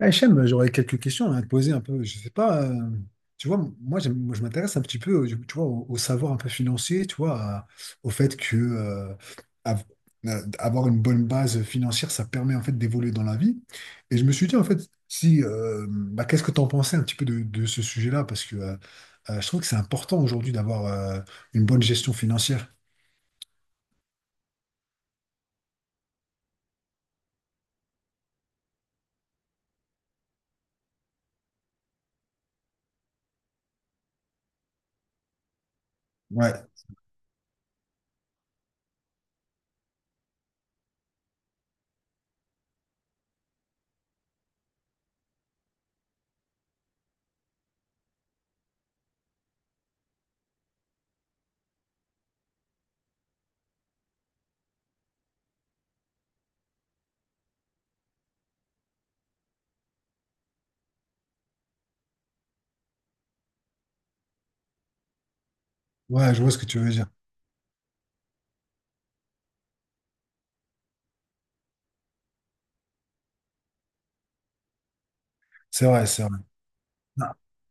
Ah, Hichem, j'aurais quelques questions à te poser un peu. Je sais pas, tu vois, moi, moi, je m'intéresse un petit peu, tu vois, au savoir un peu financier, tu vois, au fait que av- avoir une bonne base financière, ça permet en fait d'évoluer dans la vie. Et je me suis dit en fait, si, bah, qu'est-ce que tu en pensais un petit peu de ce sujet-là? Parce que je trouve que c'est important aujourd'hui d'avoir une bonne gestion financière. Ouais, ouais, je vois ce que tu veux dire. C'est vrai, c'est vrai. Non.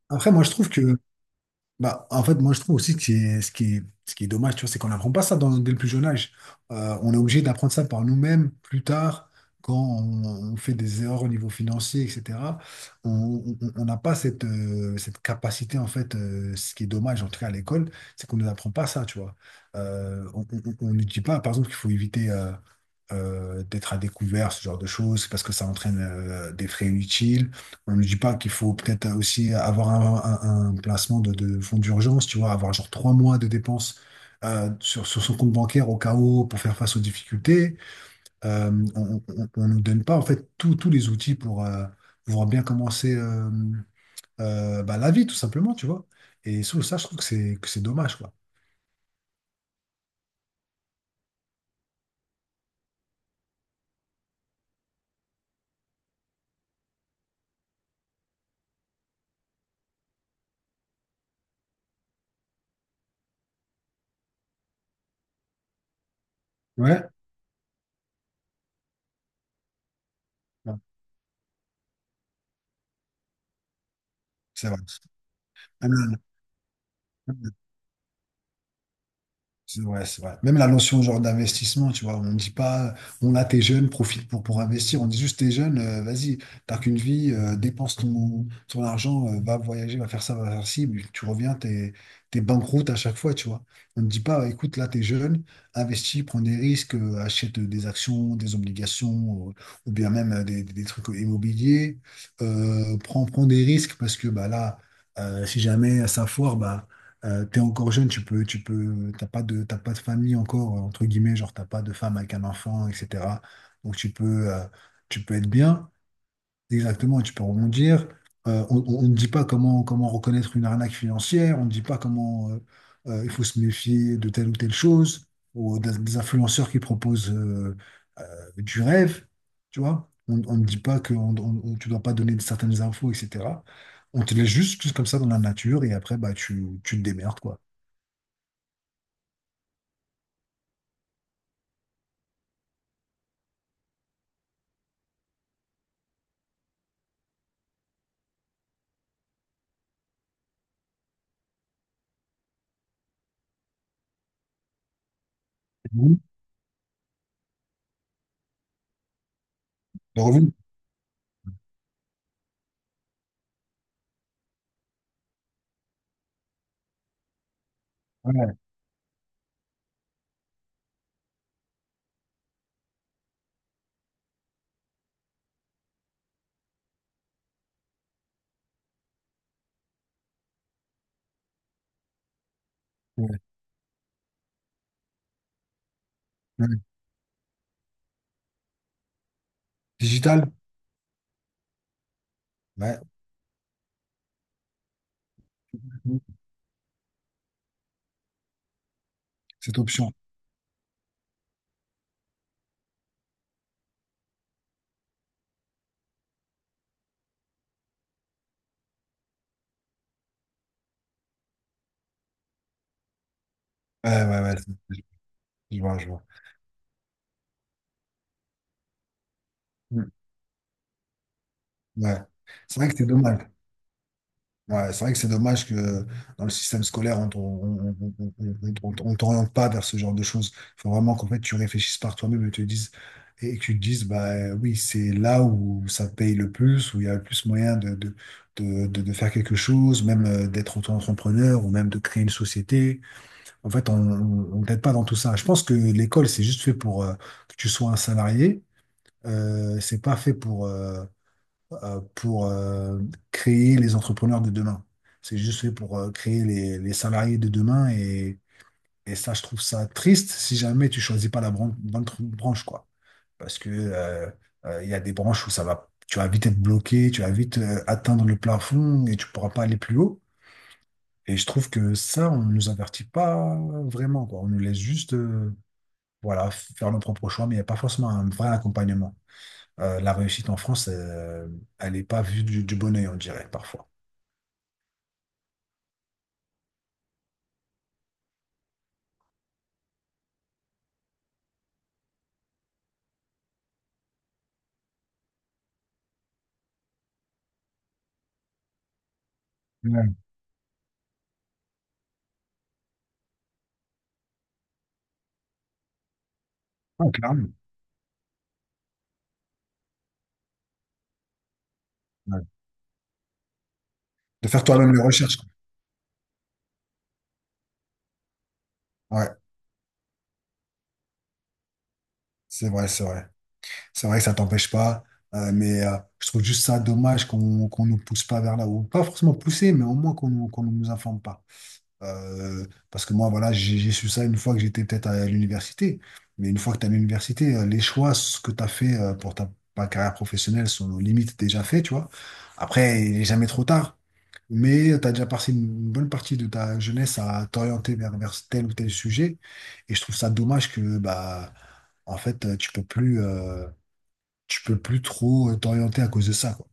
Après, moi, je trouve que bah, en fait, moi, je trouve aussi que c'est ce qui est dommage, tu vois, c'est qu'on n'apprend pas ça dès le plus jeune âge. On est obligé d'apprendre ça par nous-mêmes plus tard, quand on fait des erreurs au niveau financier, etc. On n'a pas cette, cette capacité, en fait, ce qui est dommage, en tout cas à l'école, c'est qu'on ne nous apprend pas ça, tu vois. On ne dit pas, par exemple, qu'il faut éviter. D'être à découvert, ce genre de choses, parce que ça entraîne des frais inutiles. On ne dit pas qu'il faut peut-être aussi avoir un placement de fonds d'urgence, tu vois, avoir genre trois mois de dépenses sur son compte bancaire au cas où pour faire face aux difficultés. On ne nous donne pas en fait tous les outils pour pouvoir bien commencer bah, la vie, tout simplement, tu vois. Et sous ça, je trouve que c'est dommage, quoi. Ouais, ouais, c'est vrai. Ah, non, non. C'est ouais, c'est vrai. Même la notion genre d'investissement, tu vois, on ne dit pas, on a t'es jeune, profite pour investir. On dit juste t'es jeune, vas-y, t'as qu'une vie, dépense ton argent, va voyager, va faire ça, va faire ci, puis tu reviens, t'es banqueroute à chaque fois, tu vois. On ne dit pas, écoute, là, t'es jeune, investis, prends des risques, achète des actions, des obligations, ou bien même des trucs immobiliers, prends, prends des risques parce que bah là, si jamais ça foire, bah t'es encore jeune, tu peux, t'as pas de famille encore, entre guillemets, genre t'as pas de femme avec un enfant, etc. Donc tu peux, tu peux être bien, exactement, et tu peux rebondir. On ne dit pas comment reconnaître une arnaque financière, on ne dit pas comment il faut se méfier de telle ou telle chose, ou des influenceurs qui proposent du rêve, tu vois. On ne dit pas que tu dois pas donner certaines infos, etc. On te laisse juste, juste comme ça dans la nature et après, bah, tu te démerdes, quoi. Oui, le revenu. Ouais, ouais, ouais. Digital? Ouais. Mhm. Cette option. Ouais, ouais, ouais. c'est- Je vois, je vois. Mhm. Ouais. C'est vrai que c'est dommage. Ouais, c'est vrai que c'est dommage que dans le système scolaire, on ne t'oriente pas vers ce genre de choses. Il faut vraiment qu'en fait, tu réfléchisses par toi-même et que tu te dises, bah oui, c'est là où ça paye le plus, où il y a le plus moyen de faire quelque chose, même d'être auto-entrepreneur ou même de créer une société. En fait, on ne t'aide pas dans tout ça. Je pense que l'école, c'est juste fait pour que tu sois un salarié. C'est pas fait pour créer les entrepreneurs de demain. C'est juste fait pour créer les salariés de demain. Et ça, je trouve ça triste si jamais tu choisis pas la bonne branche, quoi. Parce que il y a des branches où ça va, tu vas vite être bloqué, tu vas vite atteindre le plafond et tu pourras pas aller plus haut. Et je trouve que ça, on ne nous avertit pas vraiment, quoi. On nous laisse juste. Voilà, faire nos propres choix, mais il n'y a pas forcément un vrai accompagnement. La réussite en France, elle n'est pas vue du bon œil, on dirait, parfois. Ouais. Ouais, clairement. Ouais. De faire toi-même les recherches. Quoi. Ouais, c'est vrai, c'est vrai. C'est vrai que ça t'empêche pas, mais je trouve juste ça dommage qu'on nous pousse pas vers là, ou pas forcément pousser, mais au moins qu'on ne nous informe pas. Parce que moi, voilà, j'ai su ça une fois que j'étais peut-être à l'université, mais une fois que tu es à l'université, les choix ce que tu as fait pour ta carrière professionnelle sont limites déjà faits, tu vois. Après, il n'est jamais trop tard, mais tu as déjà passé une bonne partie de ta jeunesse à t'orienter vers tel ou tel sujet, et je trouve ça dommage que, bah, en fait, tu peux plus. Tu peux plus trop t'orienter à cause de ça, quoi.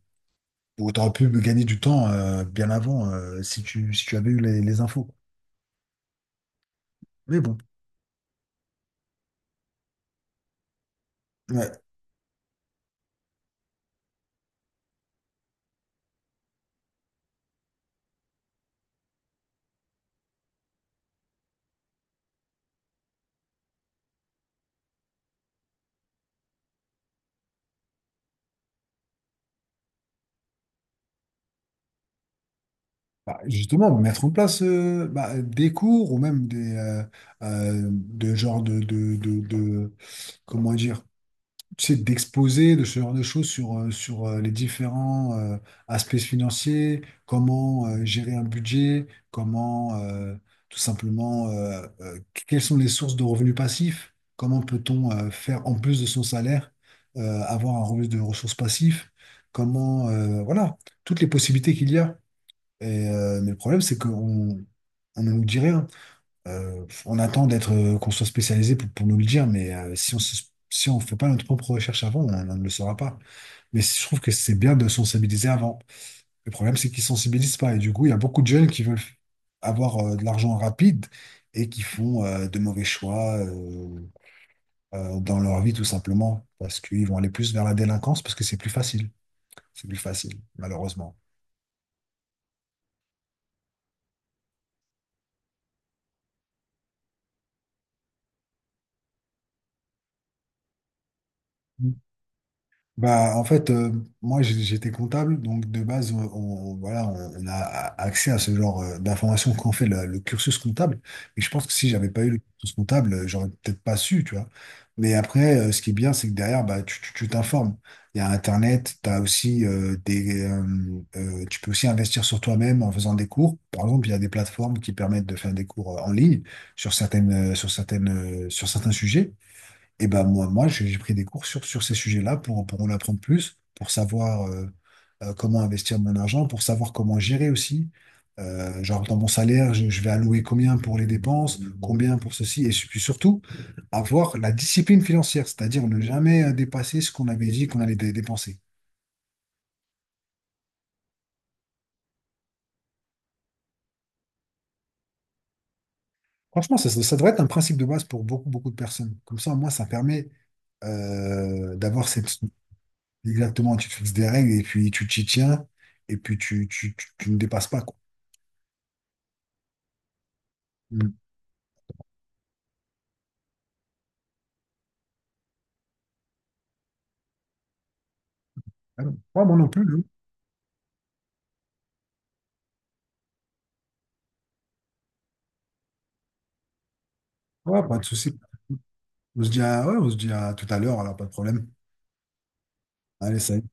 Ou t'aurais pu me gagner du temps bien avant si tu, si tu avais eu les infos. Quoi. Mais bon, ouais. Bah, justement, mettre en place bah, des cours ou même des de genre de- comment dire, c'est d'exposer de ce genre de choses sur les différents aspects financiers, comment gérer un budget, comment tout simplement, quelles sont les sources de revenus passifs, comment peut-on faire en plus de son salaire, avoir un revenu de ressources passives, voilà, toutes les possibilités qu'il y a. Et, mais le problème, c'est qu'on on ne nous dit rien. On attend d'être qu'on soit spécialisé pour nous le dire, mais si on fait pas notre propre recherche avant, on ne le saura pas. Mais je trouve que c'est bien de sensibiliser avant. Le problème, c'est qu'ils sensibilisent pas. Et du coup, il y a beaucoup de jeunes qui veulent avoir de l'argent rapide et qui font de mauvais choix dans leur vie, tout simplement, parce qu'ils vont aller plus vers la délinquance, parce que c'est plus facile. C'est plus facile, malheureusement. Bah, en fait, moi j'étais comptable, donc de base, voilà, on a accès à ce genre d'informations quand on fait le cursus comptable. Et je pense que si j'avais pas eu le cursus comptable, j'aurais peut-être pas su, tu vois. Mais après, ce qui est bien, c'est que derrière, bah, tu t'informes. Il y a Internet, t'as aussi tu peux aussi investir sur toi-même en faisant des cours. Par exemple, il y a des plateformes qui permettent de faire des cours en ligne sur certains sujets. Et ben moi, moi j'ai pris des cours sur ces sujets-là pour en apprendre plus, pour savoir comment investir mon argent, pour savoir comment gérer aussi. Genre dans mon salaire, je vais allouer combien pour les dépenses, combien pour ceci, et puis surtout avoir la discipline financière, c'est-à-dire ne jamais dépasser ce qu'on avait dit qu'on allait dépenser. Franchement, ça devrait être un principe de base pour beaucoup, beaucoup de personnes. Comme ça, moi, ça permet d'avoir cette... Exactement, tu te fixes des règles et puis tu t'y tiens et puis tu ne dépasses pas. Quoi. Mm. Ah non. Ouais, moi non plus. Je- Ouais, pas de souci. On se dit à, ouais, on se dit à tout à l'heure, alors pas de problème. Allez, salut.